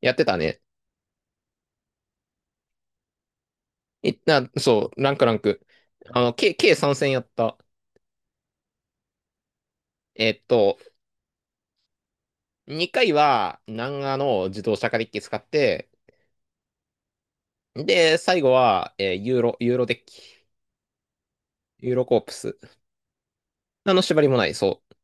やってたね。いな、そう、ランク。計3戦やった。えっと、2回は、南アの自動車化デッキ使って、で、最後は、ユーロデッキ。ユーロコープス。縛りもない、そう。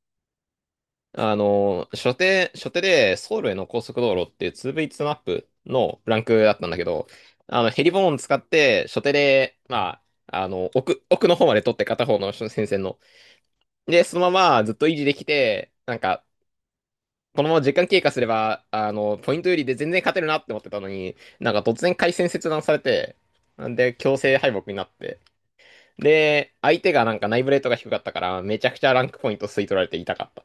初手で、ソウルへの高速道路っていう 2V2 マップのランクだったんだけど、ヘリボーン使って、初手で、奥の方まで取って片方の戦線の。で、そのままずっと維持できて、なんか、このまま時間経過すれば、ポイントよりで全然勝てるなって思ってたのに、なんか突然回線切断されて、で、強制敗北になって。で、相手がなんかナイブレートが低かったから、めちゃくちゃランクポイント吸い取られて痛かった。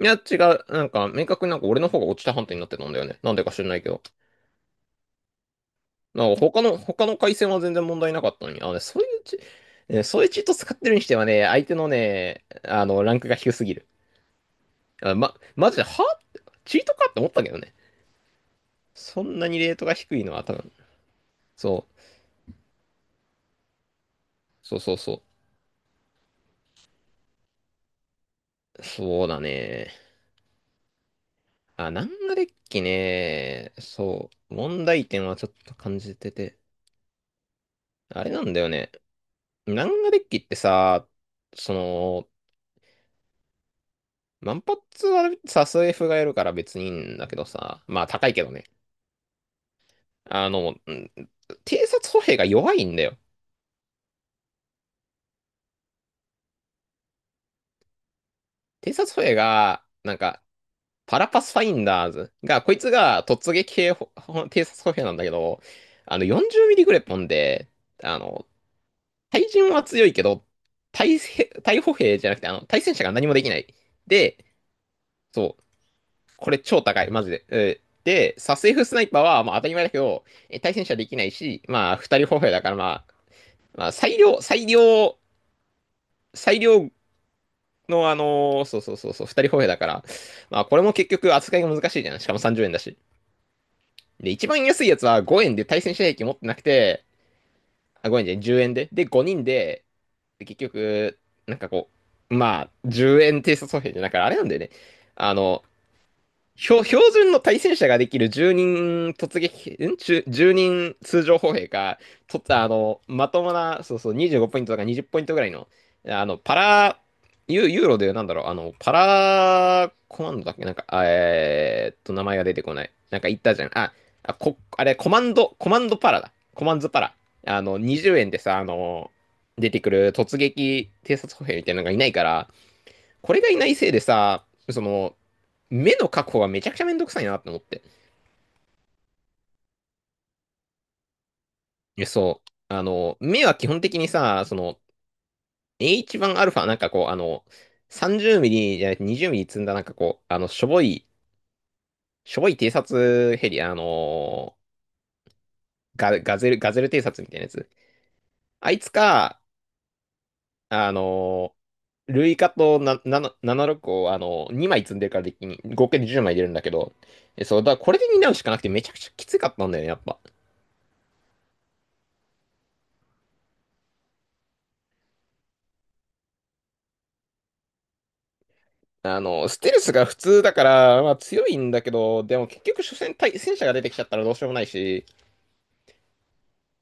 いや、違う。なんか、明確になんか俺の方が落ちた判定になってたんだよね。なんでか知らないけど。なんか他の回線は全然問題なかったのに。あのね、そういうチート使ってるにしてはね、相手のね、ランクが低すぎる。マジで、チートかって思ったけどね。そんなにレートが低いのは多分。そう、そうそうそう。そうだね。あ、ナンガデッキね。そう。問題点はちょっと感じてて。あれなんだよね。ナンガデッキってさ、その、万発はさ、スエフがやるから別にいいんだけどさ。まあ高いけどね。あの、うん、偵察歩兵が弱いんだよ。偵察歩兵が、なんか、パラパスファインダーズが、こいつが突撃系偵察歩兵なんだけど、あの40ミリグレポンで、あの、対人は強いけど、対歩兵じゃなくて、対戦車が何もできない。で、そう、これ超高い、マジで。えーで、サス F スナイパーは、まあ当たり前だけど、えー対戦車できないし、まあ二人歩兵だから、まあ、まあ最良、最良、最良のあのー二人歩兵だから、まあこれも結局扱いが難しいじゃん。しかも30円だし。で、一番安いやつは5円で対戦車兵器持ってなくて、あ、5円じゃない、10円で。で、5人で、で結局、なんかこ10円偵察歩兵じゃなくて、あれなんだよね。あの、標準の対戦車ができる10人突撃、ん？ 10 人通常歩兵か、とったまともな、そうそう、25ポイントとか20ポイントぐらいの、あの、パラ、ユユーロでなんだろう、パラコマンドだっけなんか、名前が出てこない。なんか言ったじゃん。あ、あ、こ、あれ、コマンド、コマンドパラだ。コマンズパラ。20円でさ、出てくる突撃偵察歩兵みたいなのがいないから、これがいないせいでさ、目の確保がめちゃくちゃめんどくさいなって思って。そう。目は基本的にさ、H1α、30ミリじゃなくて20ミリ積んだ、しょぼい偵察ヘリ、あのーガゼル偵察みたいなやつ。あいつか、あのー、ルイカとな76を、あのー、2枚積んでるからできに、合計で10枚出るんだけど、えそう、だからこれで担うしかなくてめちゃくちゃきつかったんだよね、やっぱ。ステルスが普通だから、まあ強いんだけど、でも結局、所詮対戦車が出てきちゃったらどうしようもないし、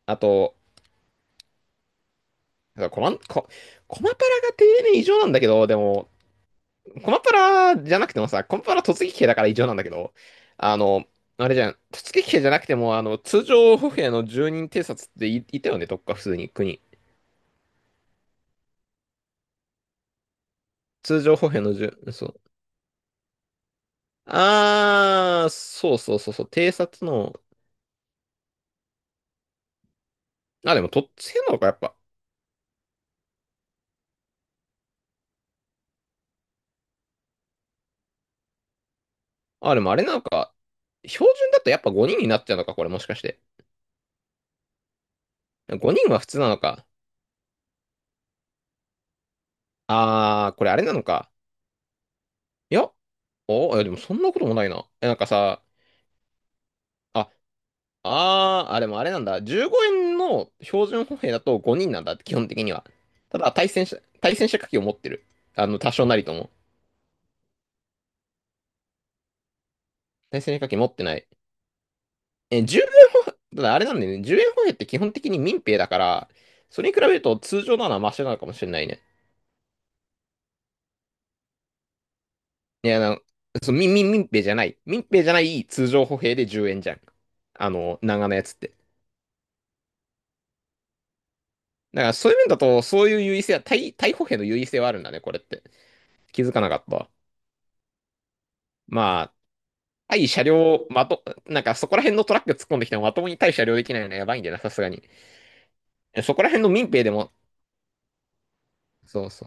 あと、コマン、コ、コマパラが異常なんだけど、でも、コマパラじゃなくてもさ、コマパラ突撃兵だから異常なんだけど、あの、あれじゃん、突撃兵じゃなくても、通常歩兵の住人偵察っていたよね、どっか普通に、国。通常歩兵の住、そう。あー、そうそうそうそう、偵察の、あ、でも、とっつけんのか、やっぱ。あ、でもあれなのか。標準だとやっぱ5人になっちゃうのか、これもしかして。5人は普通なのか。あー、これあれなのか。いや、いやでもそんなこともないな。え、なんかさ、あ、あー、あ、でもあれなんだ。15円の標準歩兵だと5人なんだ、基本的には。ただ、対戦車火器を持ってる。多少なりとも。対戦車火器持ってない。え、10円、ただあれなんだよね。1円歩兵って基本的に民兵だから、それに比べると通常なのはマシなのかもしれないね。いや、あの、そう、民兵じゃない。民兵じゃない通常歩兵で10円じゃん。長のやつって。だからそういう面だと、そういう優位性は、対歩兵の優位性はあるんだね、これって。気づかなかったわ。まあ、対車両、なんかそこら辺のトラック突っ込んできてもまともに対車両できないのはやばいんだよな、さすがに。そこら辺の民兵でも、そうそ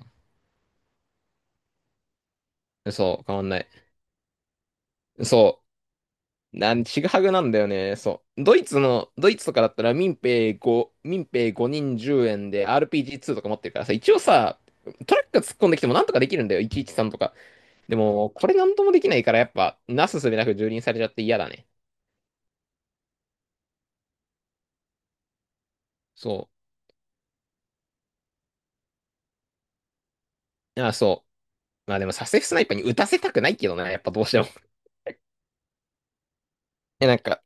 う。そう、変わんない。そう。ちぐはぐなんだよね。そう。ドイツとかだったら民兵5人10円で RPG2 とか持ってるからさ、一応さ、トラックが突っ込んできてもなんとかできるんだよ、チさんとか。でも、これなんともできないから、やっぱ、なすすべなく蹂躙されちゃって嫌だね。そう。ああ、そう。まあでも、サセフスナイパーに打たせたくないけどな、やっぱどうしても。え、なんか、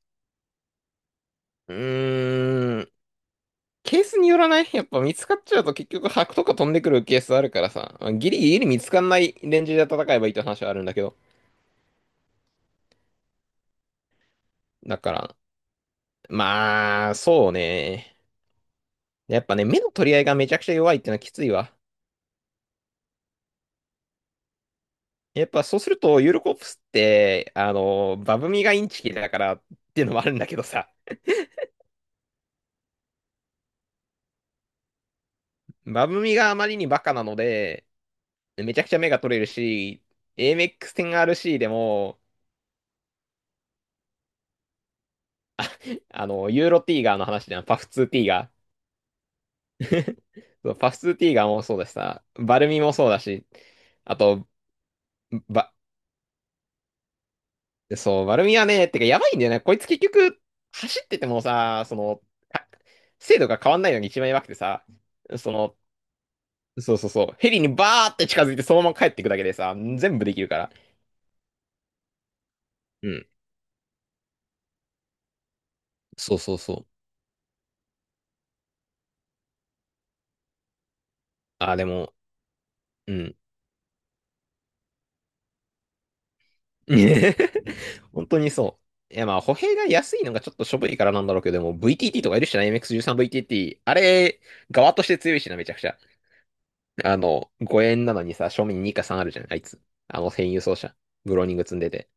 うーん、ケースによらないやっぱ見つかっちゃうと結局、白とか飛んでくるケースあるからさ、ギリギリ見つかんないレンジで戦えばいいって話はあるんだけど。だから、まあ、そうね。やっぱね、目の取り合いがめちゃくちゃ弱いってのはきついわ。やっぱそうすると、ユーロコープスって、バブミがインチキだからっていうのもあるんだけどさ、バブミがあまりにバカなので、めちゃくちゃ目が取れるし、AMX10RC でも、ユーロティーガーの話ではパフ2ティーガー。そうパフ2ティーガーもそうだしさ、バルミもそうだし、あと、ばでそう、丸みはね、てかやばいんだよね。こいつ結局、走っててもさ、か精度が変わんないのに一番やばくてさ、その、そうそうそう、ヘリにバーって近づいてそのまま帰ってくだけでさ、全部できるから。うん。そうそうそう。あ、でも、うん。本当にそう。いやまあ、歩兵が安いのがちょっとしょぼいからなんだろうけど、でも VTT とかいるしな、MX13VTT。あれ、側として強いしな、めちゃくちゃ。5円なのにさ、正面に2か3あるじゃん、あいつ。編輸送車。ブローニング積んでて。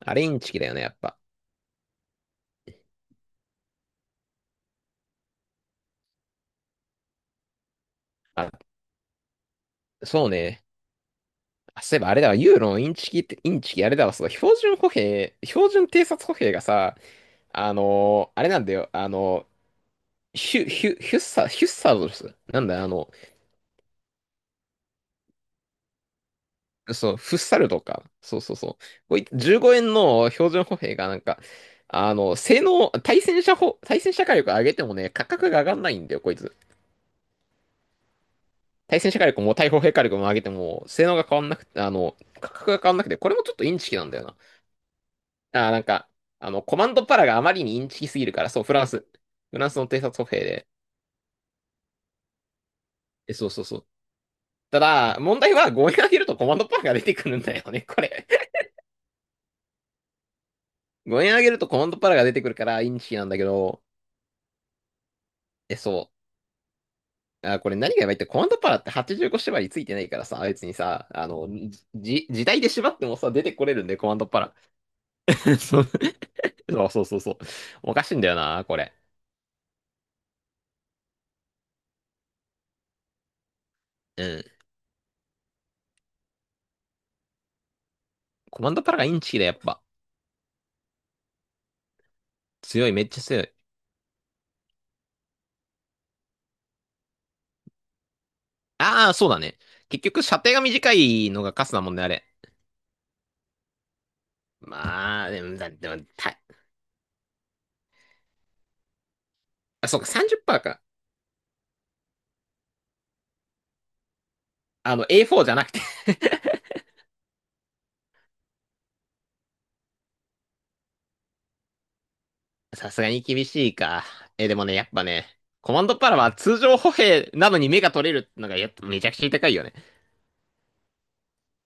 あれインチキだよね、やっぱ。あ、そうね。あ、そういえばあれだわ、ユーロのインチキって、インチキあれだわ、そう、標準偵察歩兵がさ、あのーあれなんだよ、あのーヒュッサードですなんだよ、そう、フッサルとか、そうそうそう。こい15円の標準歩兵がなんか、対戦車火力上げてもね、価格が上がんないんだよ、こいつ。対戦車火力も対砲兵火力も上げても、性能が変わんなくて、価格が変わんなくて、これもちょっとインチキなんだよな。ああなんか、コマンドパラがあまりにインチキすぎるから、そう、フランス。フランスの偵察歩兵で。え、そうそうそう。ただ、問題は5円上げるとコマンドパラが出てくるんだよね、これ。5円上げるとコマンドパラが出てくるからインチキなんだけど、え、そう。あこれ何がやばいって、コマンドパラって8個縛りついてないからさ、別にさ、時代で縛ってもさ、出てこれるんで、コマンドパラ。そうそうそうそう。おかしいんだよな、これ。うん。コマンドパラがインチキだ、やっぱ。強い、めっちゃ強い。ああ、そうだね。結局、射程が短いのがカスだもんね、あれ。まあ、でも、だでもたあそうか、30%か。A4 じゃなくて さすがに厳しいか。え、でもね、やっぱね、コマンドパラは通常歩兵なのに目が取れるのが、やっぱめちゃくちゃ痛いよね。